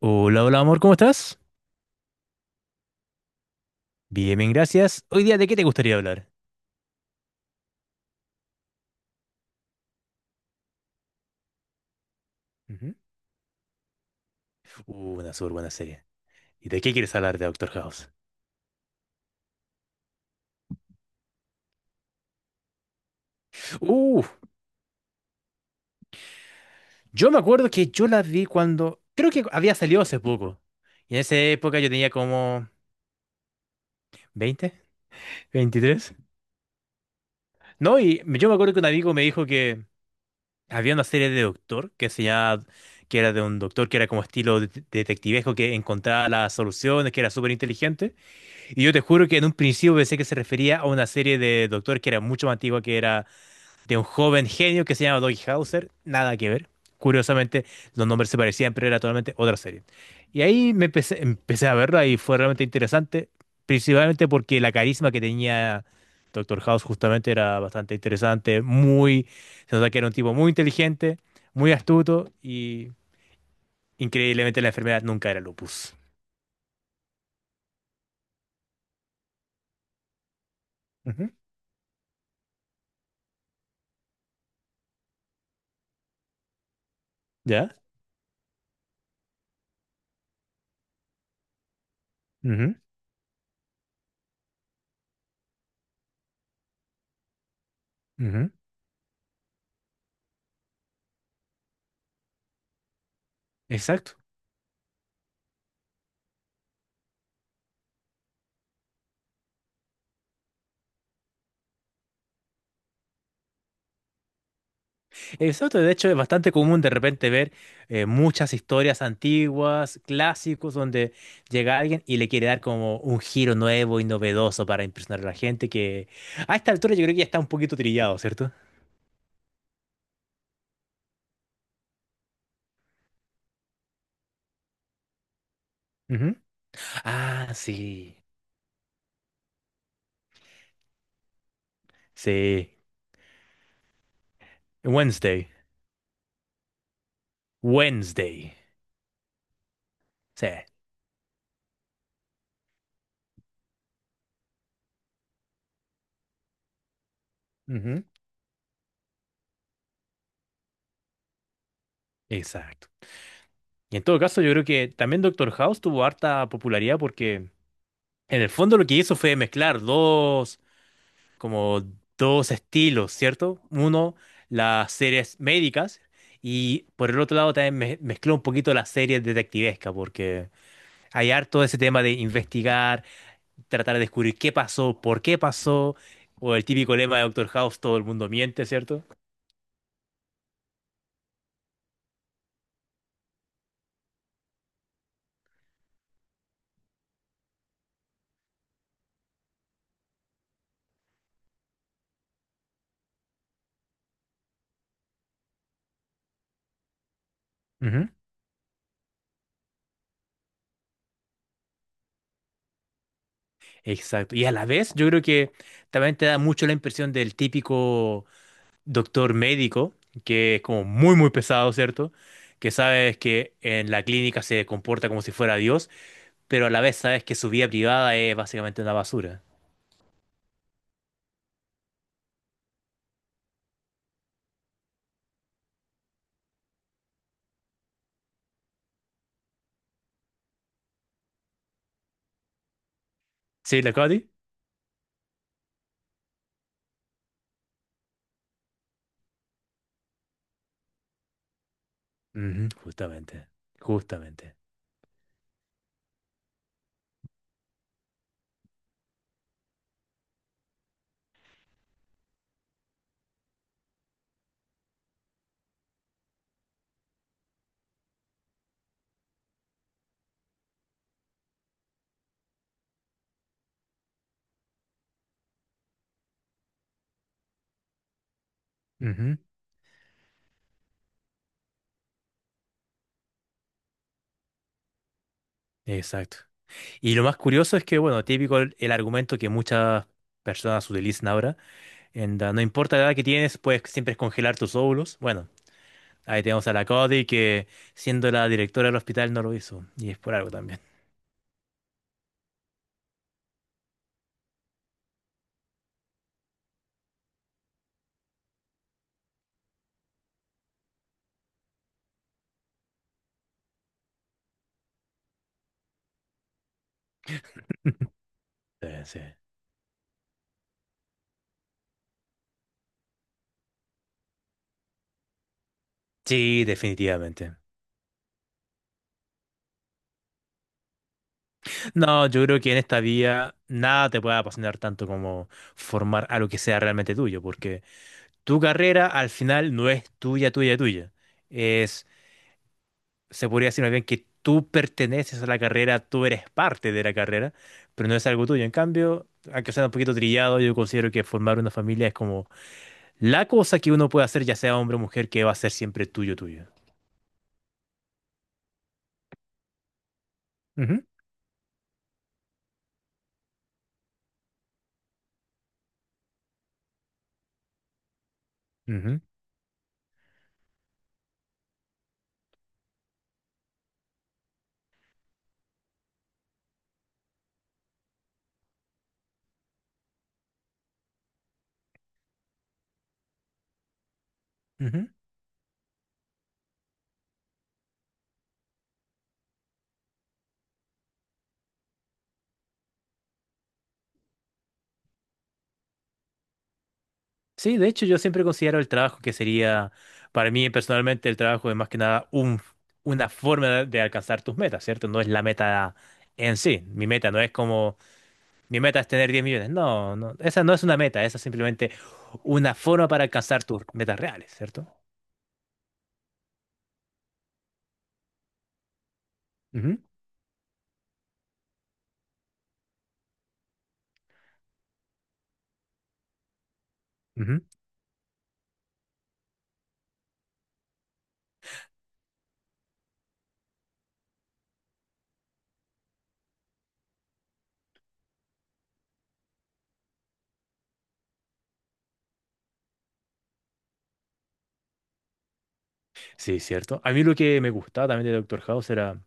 Hola, hola amor, ¿cómo estás? Bien, bien, gracias. Hoy día, ¿de qué te gustaría hablar? Ujú. Una súper buena serie. ¿Y de qué quieres hablar de Doctor House? Uh, yo me acuerdo que yo la vi cuando creo que había salido hace poco. Y en esa época yo tenía como 20, 23. No, y yo me acuerdo que un amigo me dijo que había una serie de Doctor que se llamaba, que era de un doctor que era como estilo detectivesco que encontraba las soluciones, que era súper inteligente. Y yo te juro que en un principio pensé que se refería a una serie de Doctor que era mucho más antigua, que era de un joven genio que se llama Doggy Hauser. Nada que ver. Curiosamente, los nombres se parecían, pero era totalmente otra serie. Y ahí me empecé a verla y fue realmente interesante, principalmente porque la carisma que tenía Doctor House justamente era bastante interesante, muy, se nota que era un tipo muy inteligente, muy astuto y, increíblemente, la enfermedad nunca era lupus. Ujú. ¿Ya? Ujú, ujú. Exacto. Exacto, de hecho es bastante común de repente ver muchas historias antiguas, clásicos, donde llega alguien y le quiere dar como un giro nuevo y novedoso para impresionar a la gente, que a esta altura yo creo que ya está un poquito trillado, ¿cierto? Ujú. Ah, sí, sí. Wednesday, Wednesday, sí. Ujú. Exacto. Y en todo caso, yo creo que también Doctor House tuvo harta popularidad porque en el fondo lo que hizo fue mezclar dos como dos estilos, ¿cierto? Uno, las series médicas, y por el otro lado también mezcló un poquito las series detectivescas porque hay harto ese tema de investigar, tratar de descubrir qué pasó, por qué pasó, o el típico lema de Doctor House, todo el mundo miente, ¿cierto? Ujú. Exacto. Y a la vez yo creo que también te da mucho la impresión del típico doctor médico, que es como muy, muy pesado, ¿cierto? Que sabes que en la clínica se comporta como si fuera Dios, pero a la vez sabes que su vida privada es básicamente una basura. ¿Sí, la Cody? Ujú, justamente, justamente. Ujú, exacto. Y lo más curioso es que, bueno, típico el argumento que muchas personas utilizan ahora, no importa la edad que tienes, puedes siempre congelar tus óvulos. Bueno, ahí tenemos a la Cody que, siendo la directora del hospital, no lo hizo, y es por algo también. Sí, sí. Sí, definitivamente. No, yo creo que en esta vía nada te puede apasionar tanto como formar algo que sea realmente tuyo, tu carrera al final no es tuya, tuya, tuya. Es, se podría decir más bien que tú perteneces a la carrera, tú eres parte de la carrera, pero no es algo tuyo. En cambio, aunque sea un poquito trillado, yo considero que formar una familia es como la cosa que uno puede hacer, ya sea hombre o mujer, que va a ser siempre tuyo, tuyo. Ujú, ujú, ujú. Sí, de hecho, yo siempre considero el trabajo que sería, para mí personalmente, el trabajo es más que nada una forma de alcanzar tus metas, ¿cierto? No es la meta en sí. Mi meta no es como mi meta es tener 10 millones. No, no, esa no es una meta, esa es simplemente una forma para alcanzar tus metas reales, ¿cierto? Ujú, ujú. Sí, cierto. A mí lo que me gustaba también de Doctor House era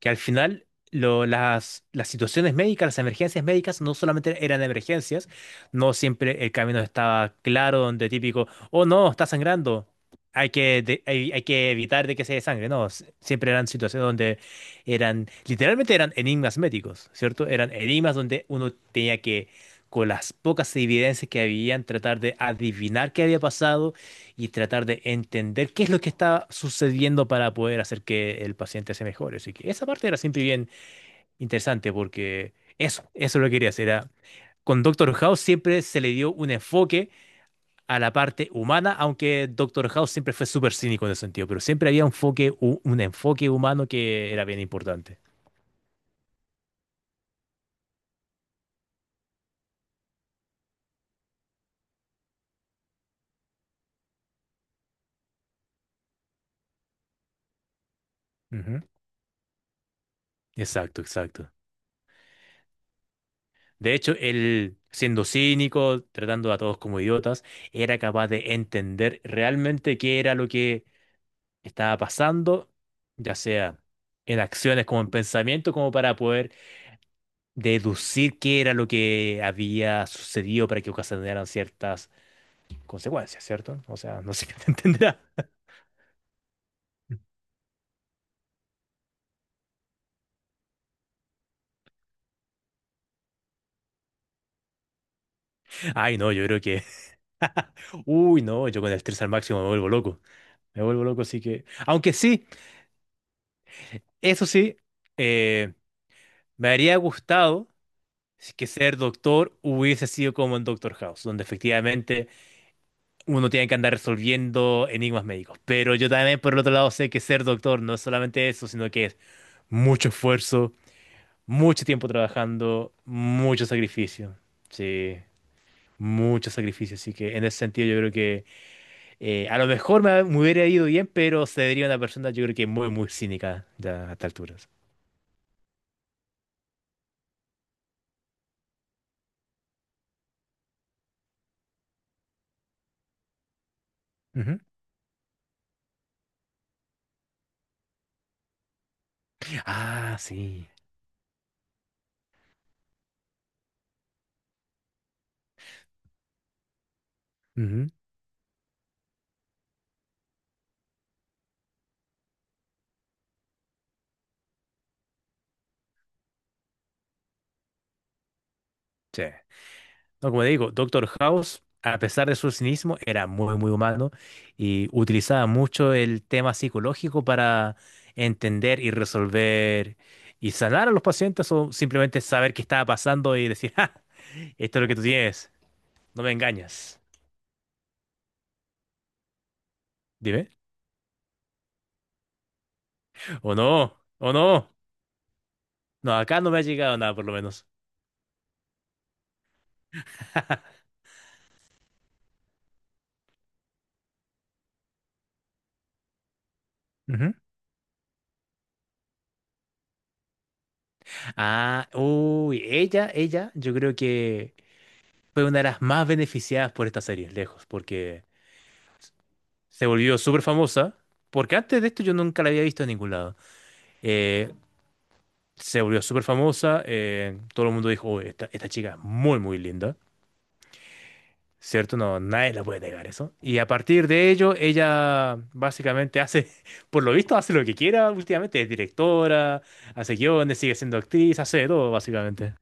que al final las situaciones médicas, las emergencias médicas, no solamente eran emergencias, no siempre el camino estaba claro, donde típico, oh, no, está sangrando, hay que evitar de que se desangre. No, siempre eran situaciones donde eran, literalmente, eran enigmas médicos, ¿cierto? Eran enigmas donde uno tenía que, con las pocas evidencias que habían, tratar de adivinar qué había pasado y tratar de entender qué es lo que está sucediendo para poder hacer que el paciente se mejore. Así que esa parte era siempre bien interesante porque eso es lo que quería hacer. Era, con Doctor House siempre se le dio un enfoque a la parte humana, aunque Doctor House siempre fue súper cínico en ese sentido, pero siempre había un enfoque humano que era bien importante. Ujú, exacto, exacto. De hecho, él, siendo cínico, tratando a todos como idiotas, era capaz de entender realmente qué era lo que estaba pasando, ya sea en acciones como en pensamiento, como para poder deducir qué era lo que había sucedido para que ocasionaran ciertas consecuencias, ¿cierto? O sea, no sé qué te entenderá. Ay, no, yo creo que. Uy, no, yo con el estrés al máximo me vuelvo loco. Me vuelvo loco, así que. Aunque sí, eso sí, eh, me habría gustado si que ser doctor hubiese sido como en Doctor House, donde efectivamente uno tiene que andar resolviendo enigmas médicos. Pero yo también, por el otro lado, sé que ser doctor no es solamente eso, sino que es mucho esfuerzo, mucho tiempo trabajando, mucho sacrificio. Sí, mucho sacrificio. Así que en ese sentido yo creo que a lo mejor me hubiera ido bien, pero se vería una persona, yo creo que muy, muy cínica ya a estas alturas. Ujú. Ah, sí. Ujú. Sí. No, como te digo, Doctor House, a pesar de su cinismo, era muy, muy humano y utilizaba mucho el tema psicológico para entender y resolver y sanar a los pacientes, o simplemente saber qué estaba pasando y decir, ¡ah! Esto es lo que tú tienes, no me engañas. Dime. ¿O no? ¿O no? No, acá no me ha llegado nada, por lo menos. Ujú. Ah, uy, ella, yo creo que fue una de las más beneficiadas por esta serie, lejos, porque se volvió súper famosa, porque antes de esto yo nunca la había visto en ningún lado. Eh, se volvió súper famosa, todo el mundo dijo: "Oye, esta chica es muy, muy linda", ¿cierto? No, nadie la puede negar eso. Y a partir de ello, ella básicamente hace, por lo visto, hace lo que quiera últimamente, es directora, hace guiones, sigue siendo actriz, hace de todo, básicamente.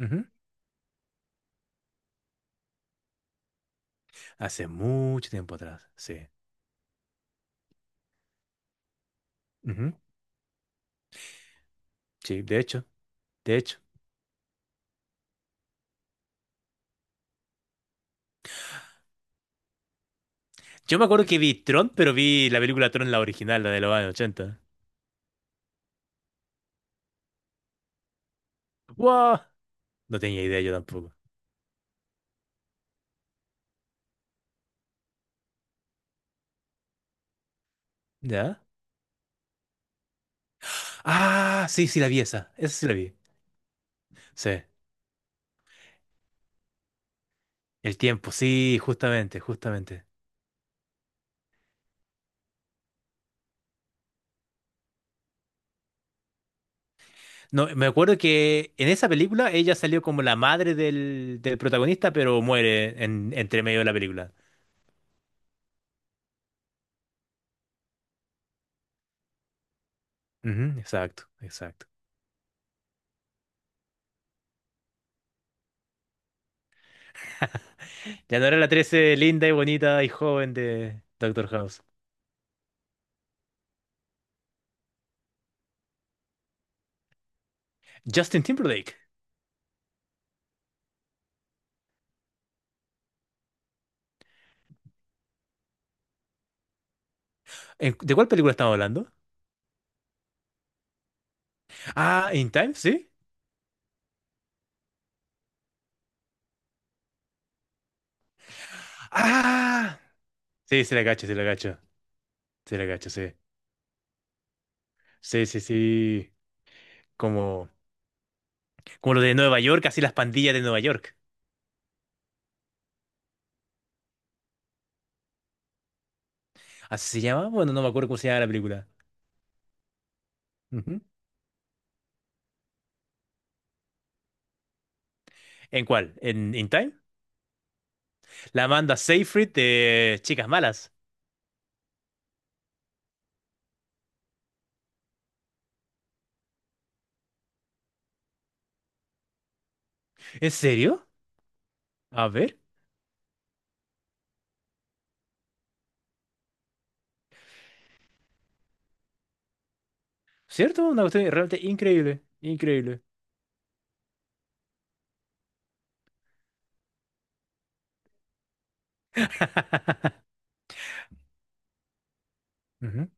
Ujú. Hace mucho tiempo atrás, sí. Ujú. Sí, de hecho, de hecho. Yo me acuerdo que vi Tron, pero vi la película Tron, la original, la de los años 80. Wow. No tenía idea yo tampoco. ¿Ya? Ah, sí, sí la vi esa. Esa sí la vi. Sí. El tiempo, sí, justamente, justamente. No, me acuerdo que en esa película ella salió como la madre del protagonista, pero muere entre medio de la película. Ujú, exacto, exacto. Ya no era la 13 linda y bonita y joven de Doctor House. Justin Timberlake. ¿De cuál película estamos hablando? Ah, In Time, sí. Ah, sí, se la cacho, se la cacho. Se la cacho, sí. Sí, sí, sí. Como, como lo de Nueva York, así las pandillas de Nueva York. ¿Así se llama? Bueno, no me acuerdo cómo se llama la película. Ujú. ¿En cuál? ¿En In Time? La Amanda Seyfried de Chicas Malas. ¿En serio? A ver. ¿Cierto? Una cuestión realmente increíble. Increíble. Ujú.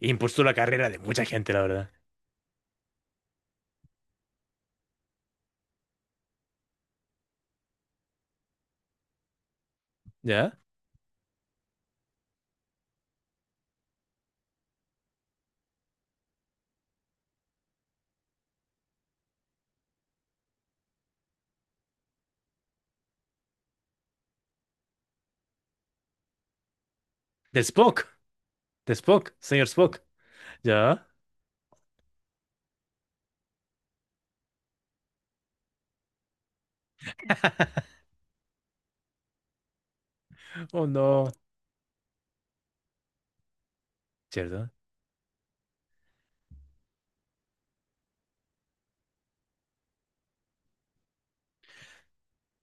Impulsó la carrera de mucha gente, la verdad. ¿Ya? De Spock. De Spock. Señor Spock. ¿Ya? Oh, no. ¿Cierto?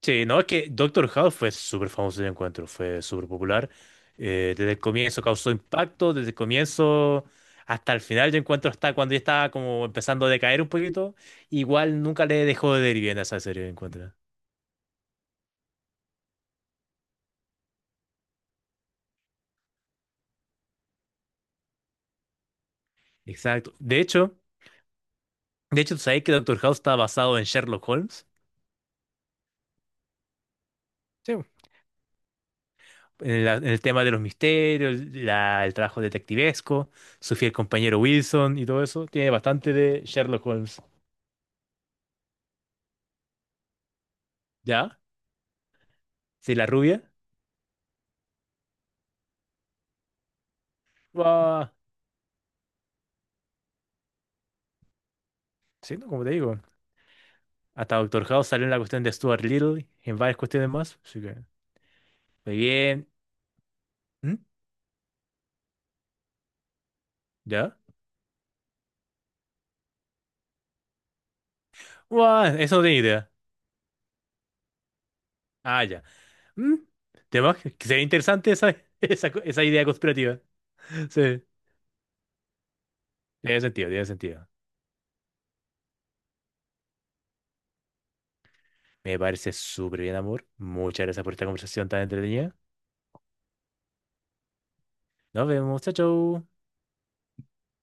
Sí, no, es que Doctor House fue súper famoso, de encuentro, fue súper popular. Desde el comienzo causó impacto, desde el comienzo hasta el final, yo encuentro; hasta cuando ya estaba como empezando a decaer un poquito, igual nunca le dejó de ir bien a esa serie, yo encuentro. Exacto. De hecho, ¿tú sabes que Doctor House está basado en Sherlock Holmes? Sí, en el tema de los misterios, el trabajo detectivesco, su fiel compañero Wilson y todo eso, tiene bastante de Sherlock Holmes. ¿Ya? Sí, la rubia. Sí, no, como te digo, hasta Doctor House salió en la cuestión de Stuart Little y en varias cuestiones más. Así que, muy bien. ¿Mm? ¿Ya? Guau, eso no tenía idea. Ah, ya. ¿Mm? ¿Tema? Que sería interesante esa, esa idea conspirativa. Sí, tiene sentido, tiene sentido. Me parece súper bien, amor. Muchas gracias por esta conversación tan entretenida. Nos vemos, chao, chao.